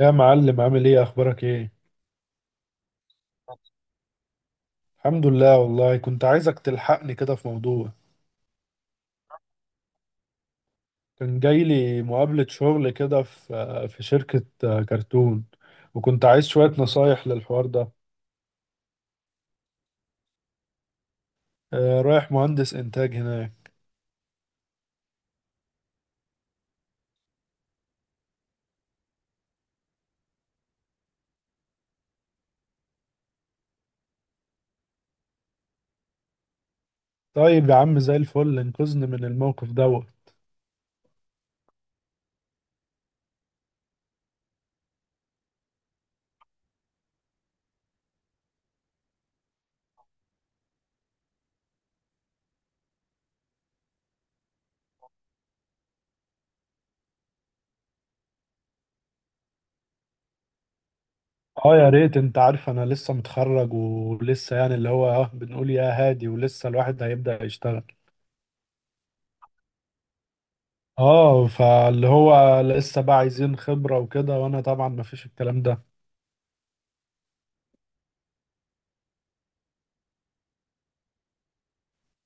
يا معلم، عامل ايه؟ اخبارك ايه؟ الحمد لله والله كنت عايزك تلحقني كده في موضوع. كان جاي لي مقابلة شغل كده في شركة كرتون، وكنت عايز شوية نصايح للحوار ده. رايح مهندس انتاج هناك. طيب يا عم زي الفل، انقذني من الموقف دوت. اه، يا ريت. انت عارف انا لسه متخرج ولسه، يعني اللي هو اه بنقول يا هادي ولسه الواحد هيبدأ يشتغل. اه، فاللي هو لسه بقى عايزين خبرة وكده، وانا طبعا مفيش الكلام ده.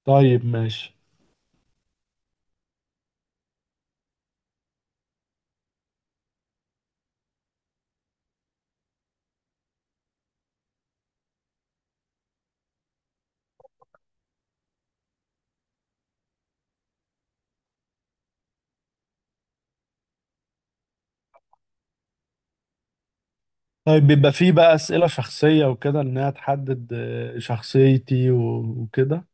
طيب ماشي. طيب بيبقى فيه بقى أسئلة شخصية وكده، إنها تحدد شخصيتي وكده.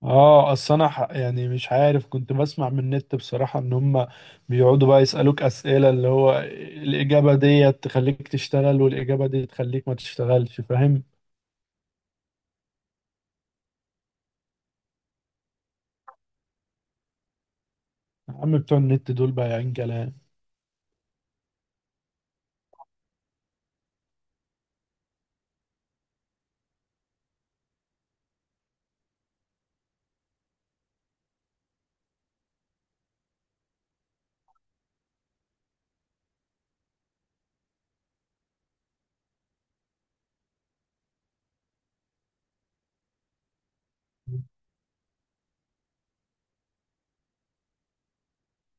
اه، اصل انا يعني مش عارف، كنت بسمع من النت بصراحة ان هم بيقعدوا بقى يسألوك أسئلة اللي هو الإجابة دي تخليك تشتغل والإجابة دي تخليك ما تشتغلش، فاهم؟ يا عم بتوع النت دول بقى عين كلام.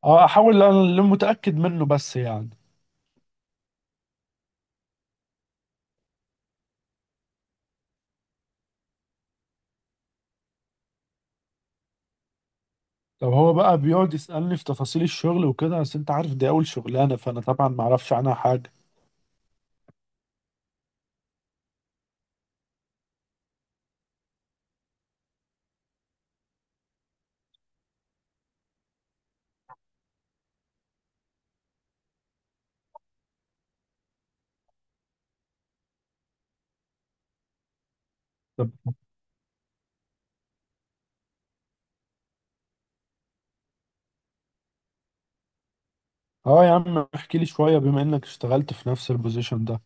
اه، احاول. انا اللي متأكد منه بس يعني. طب هو بقى بيقعد يسألني في تفاصيل الشغل وكده، بس انت عارف دي اول شغلانة فانا طبعا ما اعرفش عنها حاجة. طب اه يا عم احكي لي شوية، بما انك اشتغلت في نفس البوزيشن ده.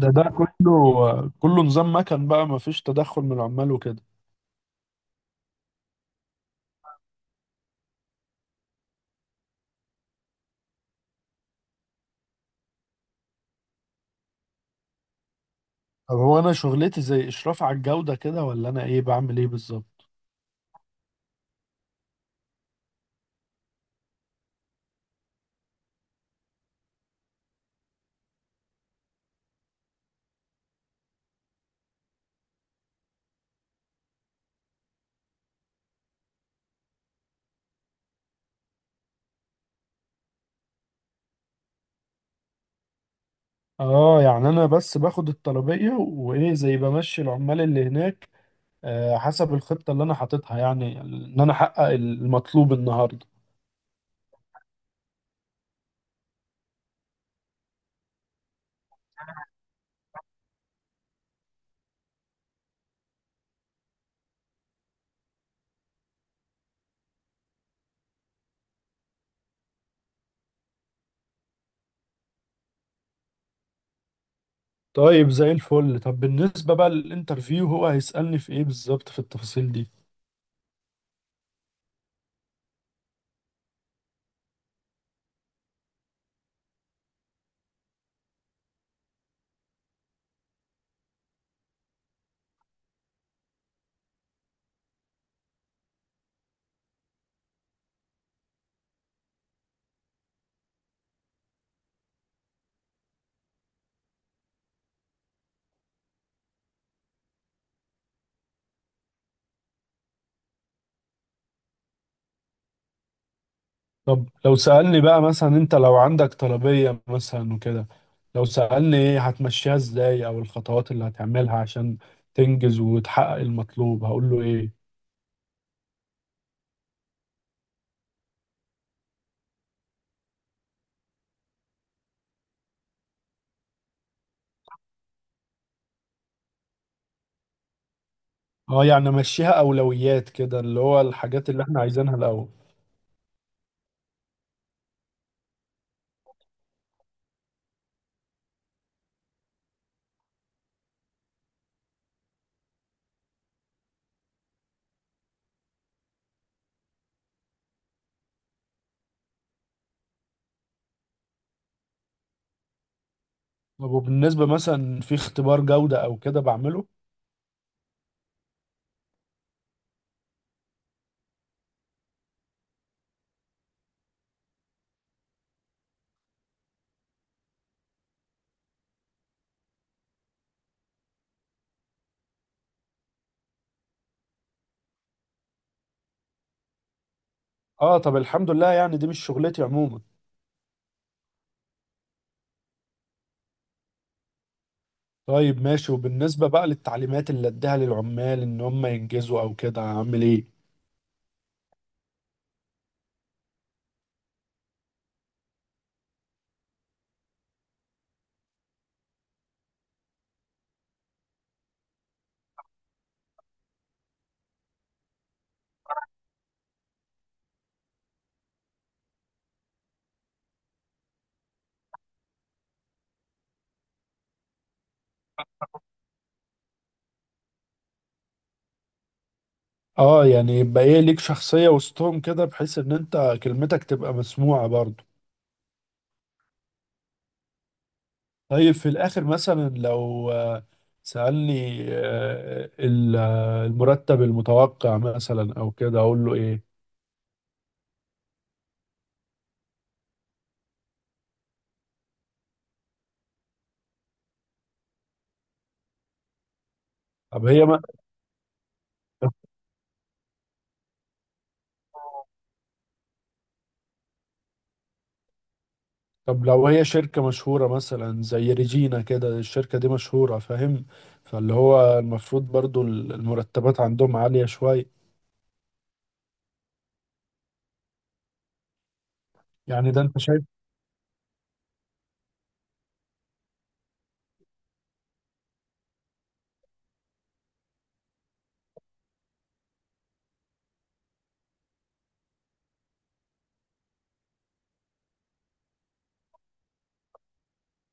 ده كله نظام مكن بقى، ما فيش تدخل من العمال وكده؟ طب هو انا شغلتي زي اشراف على الجودة كده، ولا انا ايه؟ بعمل ايه بالظبط؟ اه يعني انا بس باخد الطلبية وايه زي بمشي العمال اللي هناك، آه، حسب الخطة اللي انا حاططها، يعني ان انا احقق المطلوب النهاردة. طيب زي الفل. طب بالنسبة بقى للانترفيو، هو هيسألني في ايه بالظبط في التفاصيل دي؟ طب لو سألني بقى مثلا، انت لو عندك طلبية مثلا وكده، لو سألني ايه هتمشيها ازاي، او الخطوات اللي هتعملها عشان تنجز وتحقق المطلوب، هقول له ايه؟ اه يعني امشيها اولويات كده، اللي هو الحاجات اللي احنا عايزينها الاول. طب وبالنسبة مثلا في اختبار جودة او كده، بعمله؟ اه. طب الحمد لله، يعني دي مش شغلتي عموما. طيب ماشي. وبالنسبة بقى للتعليمات اللي اديها للعمال ان هم ينجزوا او كده، هعمل ايه؟ اه يعني يبقى ايه، ليك شخصية وسطهم كده بحيث ان انت كلمتك تبقى مسموعة برضو. طيب في الاخر مثلا لو سألني، المرتب المتوقع مثلا او كده، اقول له ايه؟ طب هي ما... طب لو هي شركة مشهورة مثلا زي ريجينا كده، الشركة دي مشهورة فاهم، فاللي هو المفروض برضو المرتبات عندهم عالية شوية. يعني ده انت شايف؟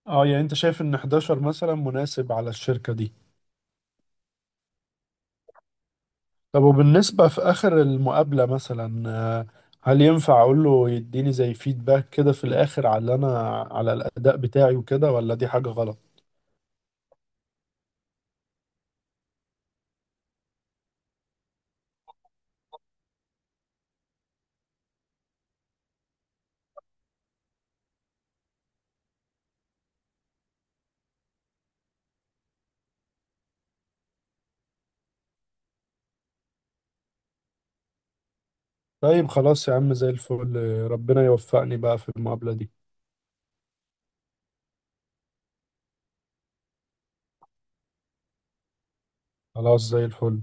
اه يعني انت شايف ان 11 مثلا مناسب على الشركة دي؟ طب وبالنسبة في آخر المقابلة مثلا، هل ينفع أقول له يديني زي فيدباك كده في الآخر على أنا، على الأداء بتاعي وكده، ولا دي حاجة غلط؟ طيب خلاص يا عم زي الفل، ربنا يوفقني بقى في المقابلة دي. خلاص زي الفل.